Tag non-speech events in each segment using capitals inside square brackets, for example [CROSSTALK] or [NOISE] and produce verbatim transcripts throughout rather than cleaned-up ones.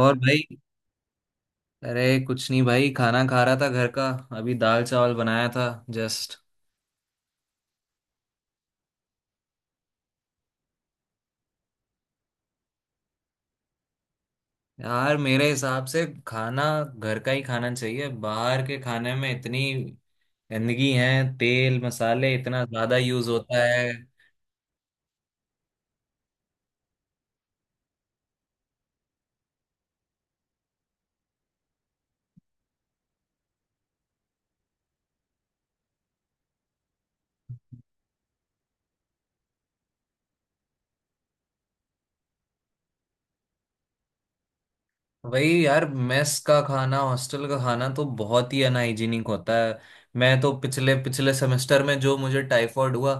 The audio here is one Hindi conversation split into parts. और भाई। अरे कुछ नहीं भाई, खाना खा रहा था घर का। अभी दाल चावल बनाया था। जस्ट। यार मेरे हिसाब से खाना घर का ही खाना चाहिए। बाहर के खाने में इतनी गंदगी है, तेल मसाले इतना ज्यादा यूज होता है। वही यार, मेस का खाना, हॉस्टल का खाना तो बहुत ही अनहाइजीनिक होता है। मैं तो पिछले पिछले सेमेस्टर में जो मुझे टाइफॉइड हुआ,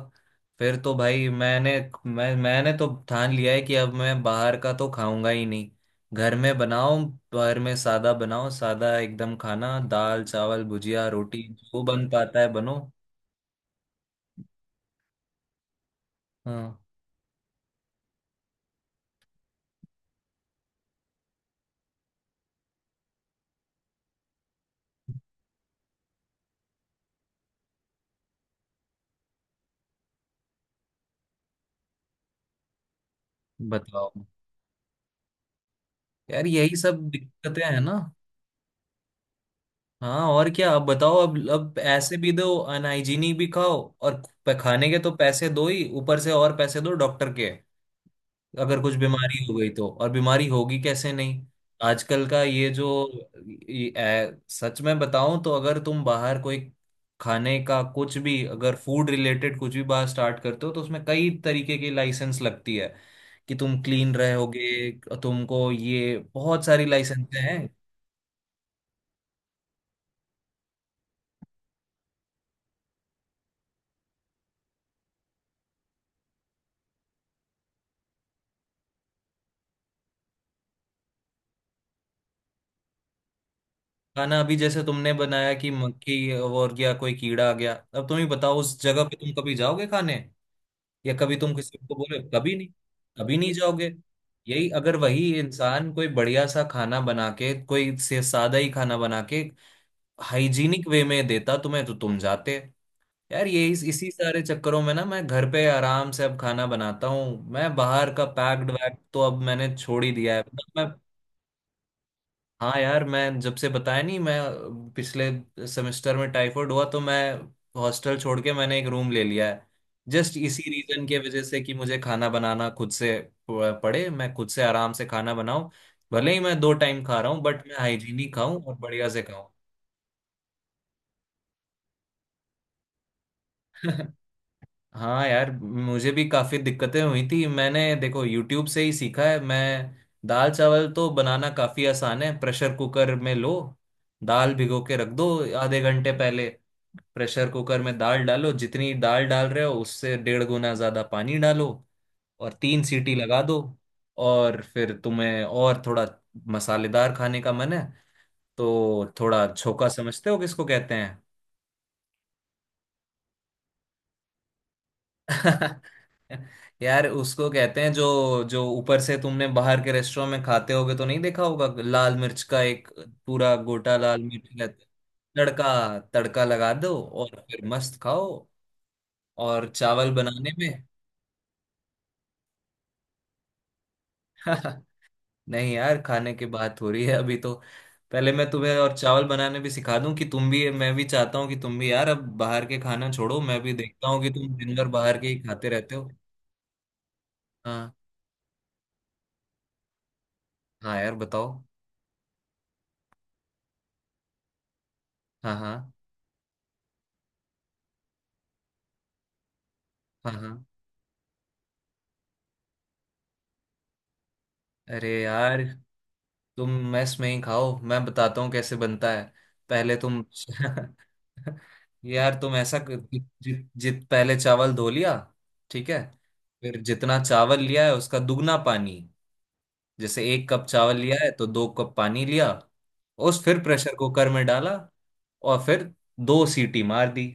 फिर तो भाई मैंने, मैं मैंने तो ठान लिया है कि अब मैं बाहर का तो खाऊंगा ही नहीं। घर में बनाओ, घर में सादा बनाओ, सादा एकदम खाना, दाल चावल भुजिया रोटी जो बन पाता है बनो। हाँ। बताओ, यार यही सब दिक्कतें हैं ना। हाँ, और क्या, अब बताओ, अब अब ऐसे भी दो अनहाइजीनिक भी खाओ। और प- खाने के तो पैसे दो ही, ऊपर से और पैसे दो डॉक्टर के। अगर कुछ बीमारी हो गई तो, और बीमारी होगी कैसे नहीं। आजकल का ये जो ये, ए, सच में बताऊं तो, अगर तुम बाहर कोई खाने का कुछ भी, अगर फूड रिलेटेड कुछ भी बात स्टार्ट करते हो, तो उसमें कई तरीके की लाइसेंस लगती है कि तुम क्लीन रहोगे। तुमको ये बहुत सारी लाइसेंस हैं। खाना अभी जैसे तुमने बनाया कि मक्खी और या कोई कीड़ा आ गया, अब तुम ही बताओ, उस जगह पे तुम कभी जाओगे खाने, या कभी तुम किसी को बोले? कभी नहीं। कभी नहीं जाओगे। यही अगर वही इंसान कोई बढ़िया सा खाना बना के, कोई से सादा ही खाना बना के, हाइजीनिक वे में देता तुम्हें, तो तुम जाते। यार ये इस, इसी सारे चक्करों में ना, मैं घर पे आराम से अब खाना बनाता हूँ। मैं बाहर का पैक्ड वैक्ड तो अब मैंने छोड़ ही दिया है। मतलब मैं। हाँ यार, मैं जब से बताया नहीं, मैं पिछले सेमेस्टर में टाइफाइड हुआ, तो मैं हॉस्टल छोड़ के मैंने एक रूम ले लिया है। जस्ट इसी रीजन के वजह से, कि मुझे खाना बनाना खुद से प- पड़े, मैं खुद से आराम से खाना बनाऊं। भले ही मैं दो टाइम खा रहा हूँ, बट मैं हाइजीनिक खाऊं और बढ़िया से खाऊं। [LAUGHS] हाँ यार, मुझे भी काफी दिक्कतें हुई थी। मैंने देखो यूट्यूब से ही सीखा है मैं। दाल चावल तो बनाना काफी आसान है। प्रेशर कुकर में लो, दाल भिगो के रख दो आधे घंटे पहले। प्रेशर कुकर में दाल डालो, जितनी दाल डाल रहे हो उससे डेढ़ गुना ज्यादा पानी डालो, और तीन सीटी लगा दो। और फिर तुम्हें और थोड़ा मसालेदार खाने का मन है तो थोड़ा छोका, समझते हो किसको कहते हैं? [LAUGHS] यार उसको कहते हैं, जो जो ऊपर से तुमने बाहर के रेस्टोरेंट में खाते होगे तो नहीं देखा होगा, लाल मिर्च का एक पूरा गोटा लाल मिर्च रहता है। तड़का तड़का लगा दो और फिर मस्त खाओ। और चावल बनाने में, [LAUGHS] नहीं यार, खाने की बात हो रही है अभी तो। पहले मैं तुम्हें और चावल बनाने भी सिखा दूं, कि तुम भी, मैं भी चाहता हूँ कि तुम भी यार अब बाहर के खाना छोड़ो। मैं भी देखता हूँ कि तुम दिन भर बाहर के ही खाते रहते हो। हाँ हाँ। यार बताओ। हाँ हाँ हाँ हाँ। अरे यार तुम मेस में ही खाओ, मैं बताता हूँ कैसे बनता है। पहले तुम, [LAUGHS] यार तुम ऐसा कर- जि, जि, जित पहले चावल धो लिया। ठीक है। फिर जितना चावल लिया है उसका दुगना पानी, जैसे एक कप चावल लिया है तो दो कप पानी लिया। उस फिर प्रेशर कुकर में डाला, और फिर दो सीटी मार दी।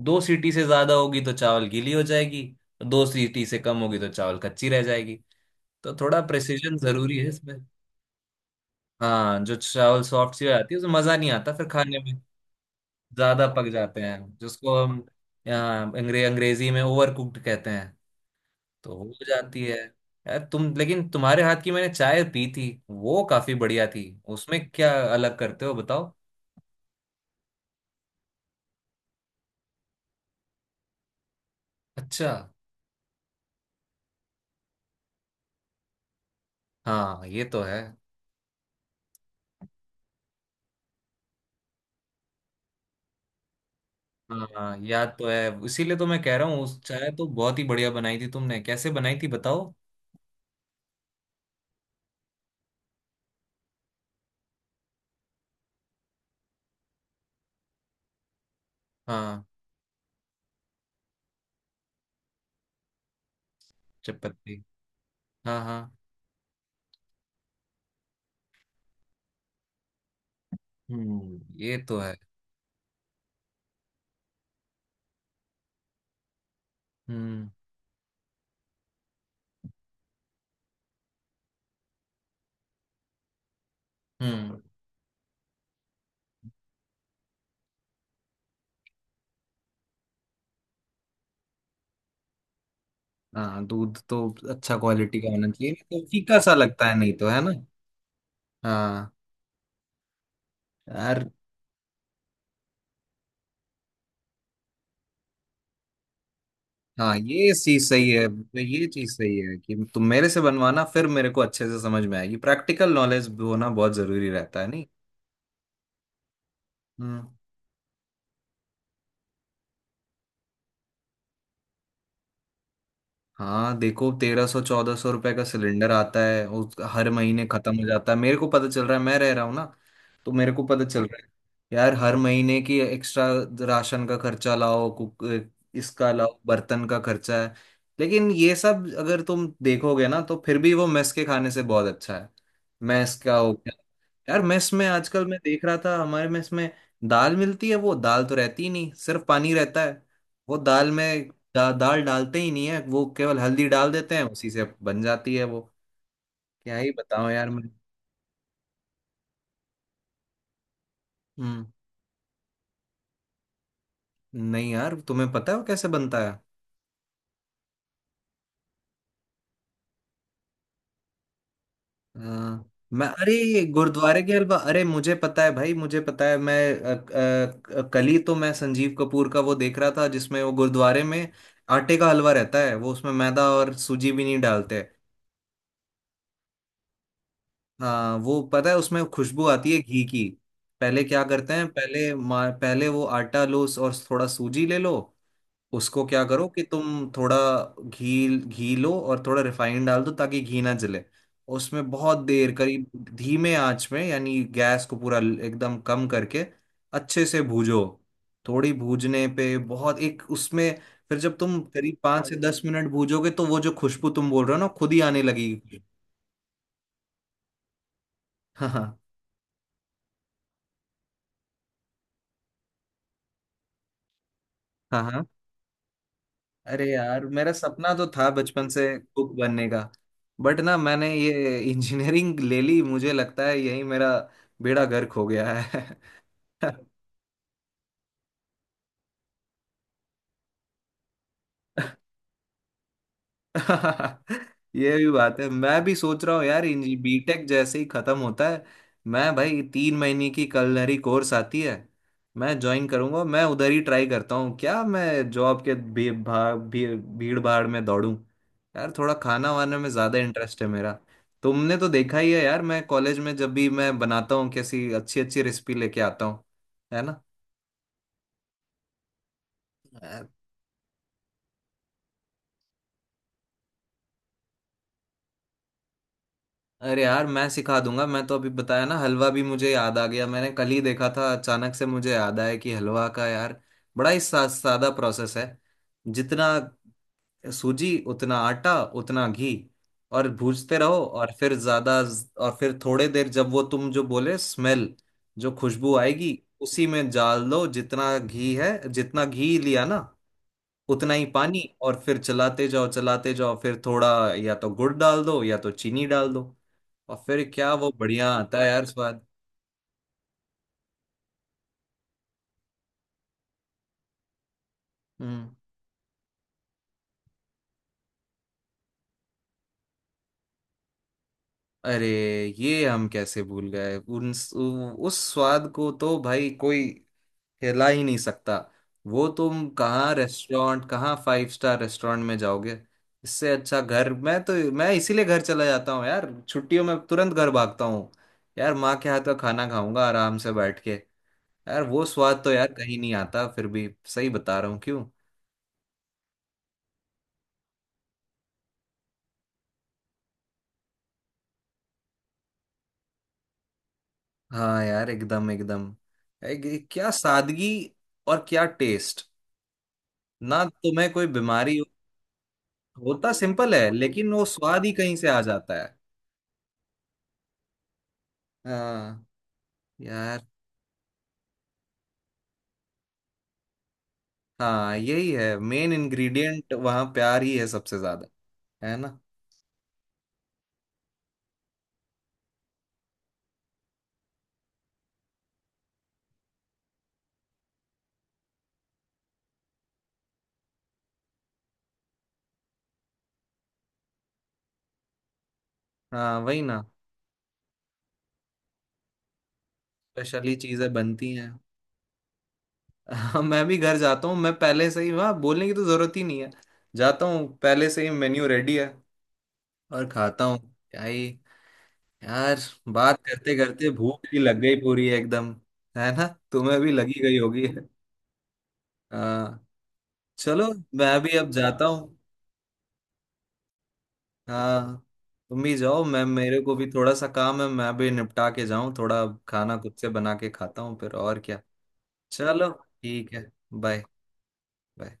दो सीटी से ज्यादा होगी तो चावल गीली हो जाएगी, दो सीटी से कम होगी तो चावल कच्ची रह जाएगी, तो थोड़ा प्रिसीजन जरूरी है। हाँ जो चावल सॉफ्ट सी हो जाती है उसमें मजा नहीं आता फिर खाने में, ज्यादा पक जाते हैं जिसको हम यहाँ अंग्रे, अंग्रेजी में ओवर कुक्ड कहते हैं, तो हो जाती है। यार तुम, लेकिन तुम्हारे हाथ की मैंने चाय पी थी, वो काफी बढ़िया थी। उसमें क्या अलग करते हो बताओ। अच्छा। हाँ ये तो है। हाँ याद तो है, इसीलिए तो मैं कह रहा हूँ उस चाय तो बहुत ही बढ़िया बनाई थी तुमने, कैसे बनाई थी बताओ। हाँ। चपत्ती। हाँ हाँ। हम्म, ये तो है। हम्म। हम्म। हाँ दूध तो अच्छा क्वालिटी का होना चाहिए, नहीं तो फीका सा लगता है, नहीं तो, है ना। हाँ यार। हाँ ये चीज सही है, मतलब ये चीज सही है कि तुम मेरे से बनवाना, फिर मेरे को अच्छे से समझ में आएगी। प्रैक्टिकल नॉलेज होना बहुत जरूरी रहता है, नहीं। हम्म। हाँ देखो तेरह सौ चौदह सौ रुपए का सिलेंडर आता है, उस हर महीने खत्म हो जाता है। मेरे को पता चल रहा है, मैं रह रहा हूँ ना, तो मेरे को पता चल रहा है। यार हर महीने की एक्स्ट्रा राशन का खर्चा, लाओ कुक, इसका लाओ बर्तन का खर्चा है। लेकिन ये सब अगर तुम देखोगे ना, तो फिर भी वो मेस के खाने से बहुत अच्छा है। मेस का हो गया। यार मेस में आजकल मैं देख रहा था हमारे मेस में, दाल मिलती है वो दाल तो रहती ही नहीं, सिर्फ पानी रहता है। वो दाल में दा, दाल डालते ही नहीं है, वो केवल हल्दी डाल देते हैं, उसी से बन जाती है वो। क्या ही बताओ यार मैं। हम्म। नहीं यार, तुम्हें पता है वो कैसे बनता है? हाँ, मैं, अरे गुरुद्वारे के हलवा, अरे मुझे पता है भाई, मुझे पता है मैं। अ, अ, कल ही तो मैं संजीव कपूर का वो देख रहा था, जिसमें वो गुरुद्वारे में आटे का हलवा रहता है, वो उसमें मैदा और सूजी भी नहीं डालते। हाँ वो पता है, उसमें खुशबू आती है घी की। पहले क्या करते हैं, पहले मा- पहले वो आटा लो और थोड़ा सूजी ले लो। उसको क्या करो कि तुम थोड़ा घी घी लो, और थोड़ा रिफाइंड डाल दो ताकि घी ना जले। उसमें बहुत देर करीब धीमे आंच में, यानी गैस को पूरा ल- एकदम कम करके अच्छे से भूजो। थोड़ी भूजने पे बहुत एक उसमें, फिर जब तुम करीब पाँच से दस मिनट भूजोगे, तो वो जो खुशबू तुम बोल रहे हो ना, खुद ही आने लगेगी। [LAUGHS] हाँ। हाँ। हाँ। अरे यार मेरा सपना तो था बचपन से कुक बनने का, बट ना मैंने ये [LAUGHS] इंजीनियरिंग ले ली, मुझे लगता है यही मेरा बेड़ा गर्क हो गया है। [LAUGHS] [LAUGHS] ये भी बात है। मैं भी सोच रहा हूँ यार, इंजी बीटेक जैसे ही खत्म होता है, मैं भाई तीन महीने की कलनरी कोर्स आती है, मैं ज्वाइन करूंगा। मैं उधर ही ट्राई करता हूँ, क्या मैं जॉब के भी, भा, भी, भीड़ भाड़ में दौड़ूं। यार थोड़ा खाना वाना में ज्यादा इंटरेस्ट है मेरा। तुमने तो देखा ही है यार, मैं कॉलेज में जब भी मैं बनाता हूँ, कैसी अच्छी अच्छी रेसिपी लेके आता हूँ। है ना। अरे यार मैं सिखा दूंगा। मैं तो अभी बताया ना, हलवा भी मुझे याद आ गया, मैंने कल ही देखा था, अचानक से मुझे याद आया कि हलवा का यार बड़ा ही सा, सादा प्रोसेस है। जितना सूजी उतना आटा, उतना घी, और भूजते रहो, और फिर ज्यादा, और फिर थोड़े देर जब वो तुम जो बोले स्मेल, जो खुशबू आएगी, उसी में डाल दो जितना घी है, जितना घी लिया ना उतना ही पानी, और फिर चलाते जाओ चलाते जाओ, फिर थोड़ा या तो गुड़ डाल दो या तो चीनी डाल दो, और फिर क्या वो बढ़िया आता है यार स्वाद। हम्म। अरे ये हम कैसे भूल गए उन, उस स्वाद को तो भाई कोई हिला ही नहीं सकता। वो तुम कहाँ रेस्टोरेंट, कहाँ फाइव स्टार रेस्टोरेंट में जाओगे। इससे अच्छा घर, मैं तो मैं इसीलिए घर चला जाता हूँ यार, छुट्टियों में तुरंत घर भागता हूँ। यार माँ के हाथ का खाना खाऊंगा आराम से बैठ के, यार वो स्वाद तो यार कहीं नहीं आता फिर भी। सही बता रहा हूँ क्यों। हाँ यार एकदम, एकदम एक- क्या सादगी, और क्या टेस्ट। ना तुम्हें कोई बीमारी हो- होता सिंपल है, लेकिन वो स्वाद ही कहीं से आ जाता है। हाँ यार। हाँ यही है, मेन इंग्रेडिएंट वहाँ प्यार ही है सबसे ज्यादा। है ना। हाँ वही ना। स्पेशली चीजें बनती हैं। हाँ मैं भी घर जाता हूँ, मैं पहले से ही वहाँ बोलने की तो जरूरत ही नहीं है। जाता हूँ पहले से ही मेन्यू रेडी है, और खाता हूँ। क्या ही यार। बात करते करते भूख भी लग गई पूरी एकदम, है ना, तुम्हें भी लगी गई होगी। हाँ। चलो। मैं भी अब जाता हूँ। हाँ तुम भी जाओ, मैं, मेरे को भी थोड़ा सा काम है, मैं भी निपटा के जाऊँ, थोड़ा खाना खुद से बना के खाता हूँ फिर, और क्या। चलो। ठीक है, बाय। बाय।